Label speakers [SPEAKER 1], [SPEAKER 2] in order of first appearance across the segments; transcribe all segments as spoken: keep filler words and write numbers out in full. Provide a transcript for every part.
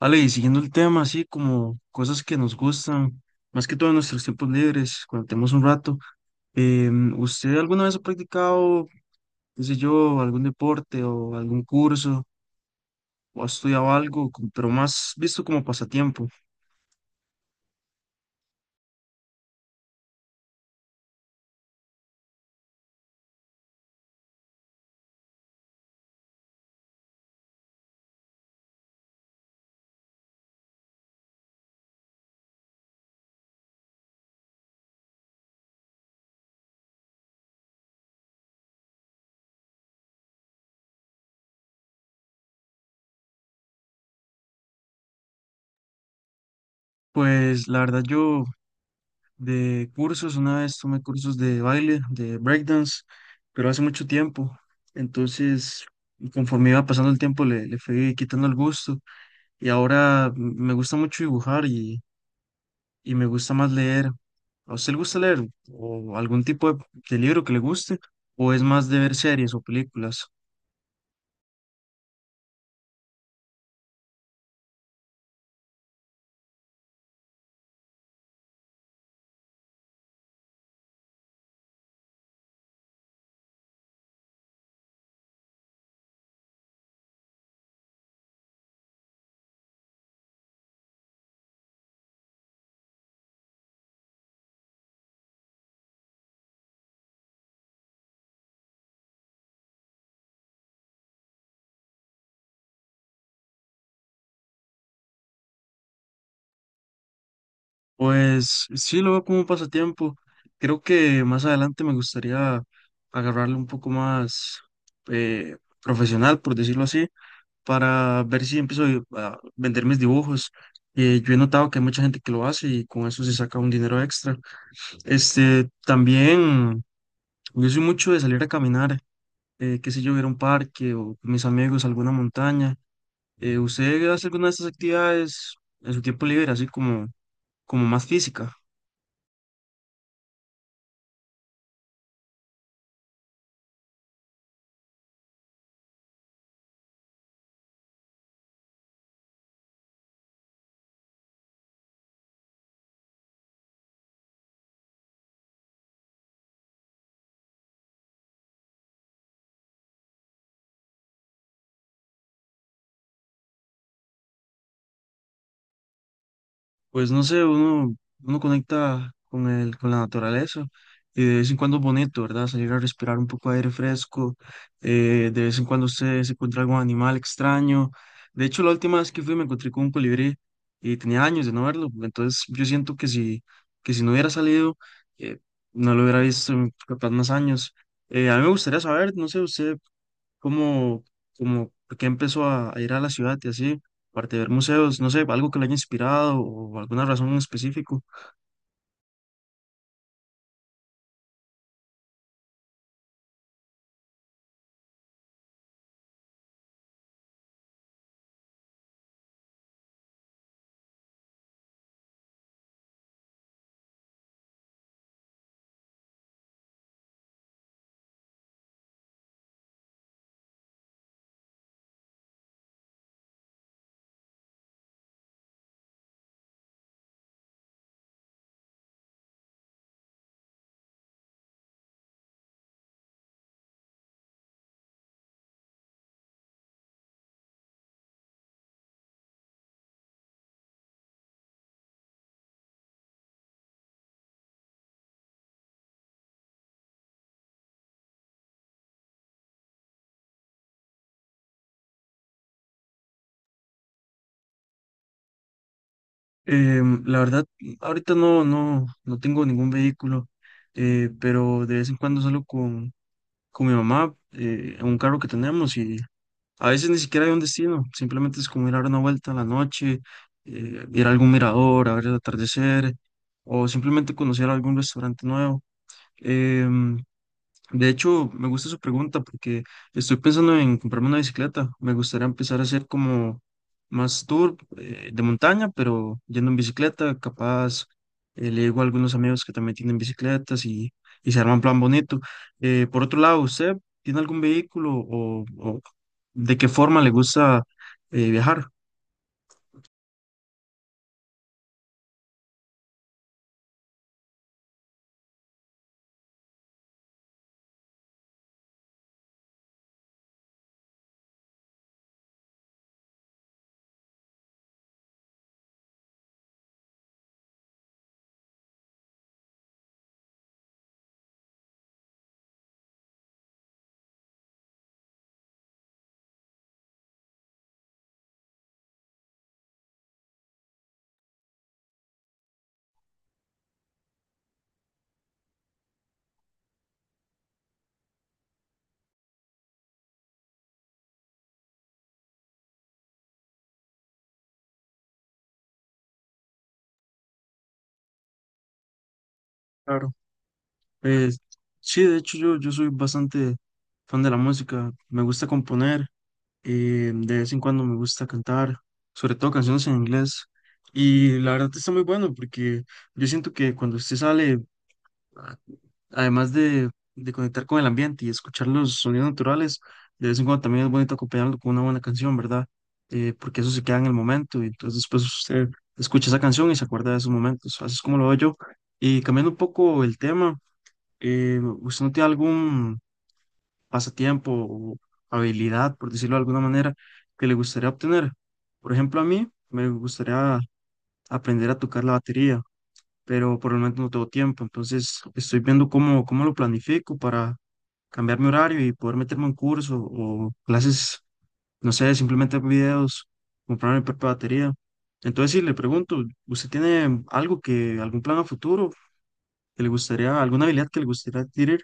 [SPEAKER 1] Ale, y siguiendo el tema, así como cosas que nos gustan, más que todo en nuestros tiempos libres, cuando tenemos un rato, em, ¿usted alguna vez ha practicado, qué sé yo, algún deporte o algún curso o ha estudiado algo, como- pero más visto como pasatiempo? Pues la verdad yo de cursos, una vez tomé cursos de baile, de breakdance, pero hace mucho tiempo, entonces conforme iba pasando el tiempo le, le fui quitando el gusto y ahora m- me gusta mucho dibujar y me gusta más leer. ¿A usted le gusta leer o algún tipo de, de libro que le guste o es más de ver series o películas? Pues sí, lo veo como un pasatiempo. Creo que más adelante me gustaría agarrarlo un poco más eh, profesional, por decirlo así, para ver si empiezo a vender mis dibujos. Eh, yo he notado que hay mucha gente que lo hace y con eso se saca un dinero extra. Este, también, yo soy mucho de salir a caminar. Eh, qué sé yo, ir a un parque o con mis amigos a alguna montaña. Eh, ¿usted hace alguna de estas actividades en su tiempo libre, así como, como más física? Pues no sé, uno, uno conecta con el, con la naturaleza y de vez en cuando es bonito, ¿verdad? Salir a respirar un poco de aire fresco, eh, de vez en cuando usted se encuentra algún animal extraño. De hecho, la última vez que fui me encontré con un colibrí y tenía años de no verlo, entonces yo siento que si, que si no hubiera salido, eh, no lo hubiera visto en capaz más años. Eh, a mí me gustaría saber, no sé, usted como, como por qué empezó a, a ir a la ciudad y así, aparte de ver museos, no sé, algo que le haya inspirado o alguna razón en específico. Em, la verdad, ahorita no, no, no tengo ningún vehículo, eh, pero de vez en cuando salgo con, con mi mamá eh, en un carro que tenemos y a veces ni siquiera hay un destino, simplemente es como ir a dar una vuelta en la noche, eh, ir a algún mirador, a ver el atardecer o simplemente conocer algún restaurante nuevo. Em, De hecho, me gusta su pregunta porque estoy pensando en comprarme una bicicleta. Me gustaría empezar a hacer como más tour eh, de montaña, pero yendo en bicicleta, capaz. Eh, le digo a algunos amigos que también tienen bicicletas y, y se arma un plan bonito. Eh, por otro lado, ¿usted tiene algún vehículo o, o de qué forma le gusta eh, viajar? Claro. Eh, sí, de hecho yo, yo soy bastante fan de la música. Me gusta componer eh, de vez en cuando me gusta cantar, sobre todo canciones en inglés. Y la verdad está muy bueno porque yo siento que cuando usted sale, a- además de, de conectar con el ambiente y escuchar los sonidos naturales, de vez en cuando también es bonito acompañarlo con una buena canción, ¿verdad? Eh, porque eso se queda en el momento y entonces después usted escucha esa canción y se acuerda de esos momentos. Así es como lo veo yo. Y cambiando un poco el tema, eh, ¿usted no tiene algún pasatiempo o habilidad, por decirlo de alguna manera, que le gustaría obtener? Por ejemplo, a mí me gustaría aprender a tocar la batería, pero por el momento no tengo tiempo, entonces estoy viendo cómo, cómo lo planifico para cambiar mi horario y poder meterme en curso o clases, no sé, simplemente videos, comprar mi propia batería. Entonces, si le pregunto, ¿usted tiene algo que, algún plan a futuro que le gustaría, alguna habilidad que le gustaría adquirir?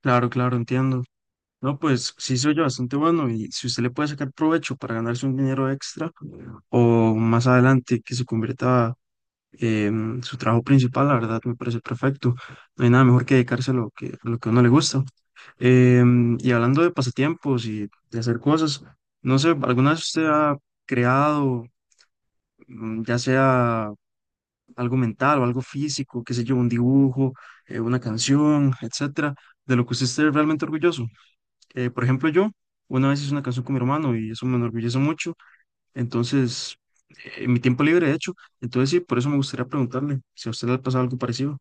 [SPEAKER 1] Claro, claro, entiendo. No, pues sí se oye bastante bueno y si usted le puede sacar provecho para ganarse un dinero extra o más adelante que se convierta en su trabajo principal, la verdad me parece perfecto. No hay nada mejor que dedicarse a lo que, a lo que a uno le gusta. Em, y hablando de pasatiempos y de hacer cosas, no sé, ¿alguna vez usted ha creado, mm, ya sea algo mental o algo físico, qué sé yo, un dibujo, eh, una canción, etcétera, de lo que usted esté realmente orgulloso? Eh, por ejemplo, yo una vez hice una canción con mi hermano y eso me enorgullece mucho. Entonces, eh, en mi tiempo libre, de hecho. Entonces, sí, por eso me gustaría preguntarle si a usted le ha pasado algo parecido.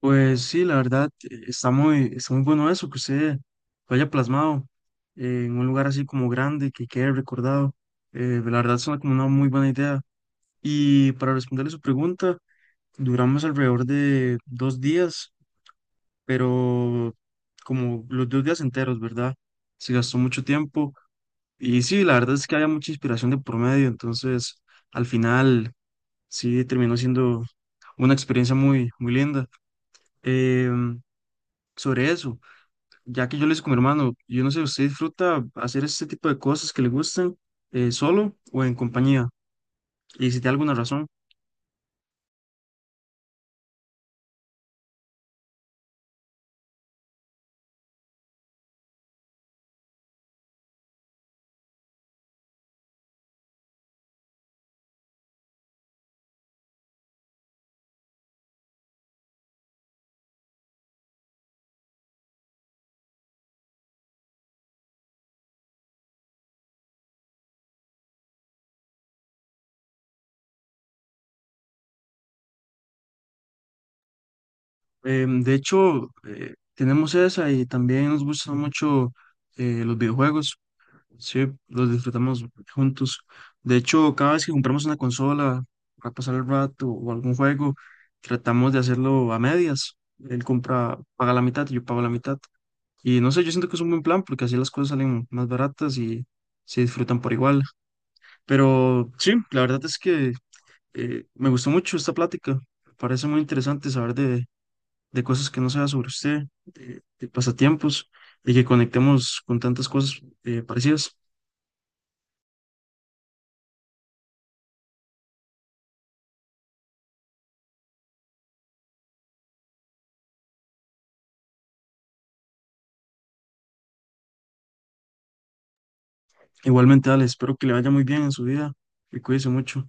[SPEAKER 1] Pues sí, la verdad, eh, está muy, está muy bueno eso, que usted lo haya plasmado eh, en un lugar así como grande, que quede recordado. Eh, la verdad, suena como una muy buena idea. Y para responderle su pregunta, duramos alrededor de dos días, pero como los dos días enteros, ¿verdad? Se gastó mucho tiempo. Y sí, la verdad es que había mucha inspiración de por medio, entonces al final sí terminó siendo una experiencia muy, muy linda. Em, Sobre eso, ya que yo le hice con mi hermano, yo no sé, ¿usted disfruta hacer este tipo de cosas que le gustan eh, solo o en compañía? Y si tiene alguna razón. Em, de hecho, eh, tenemos esa y también nos gustan mucho eh, los videojuegos. Sí, los disfrutamos juntos. De hecho, cada vez que compramos una consola para pasar el rato o algún juego, tratamos de hacerlo a medias. Él compra, paga la mitad y yo pago la mitad. Y no sé, yo siento que es un buen plan porque así las cosas salen más baratas y se disfrutan por igual. Pero sí, la verdad es que eh, me gustó mucho esta plática. Me parece muy interesante saber de, de cosas que no sea sobre usted, de, de pasatiempos y que conectemos con tantas cosas eh, parecidas. Igualmente, Ale, espero que le vaya muy bien en su vida y cuídese mucho.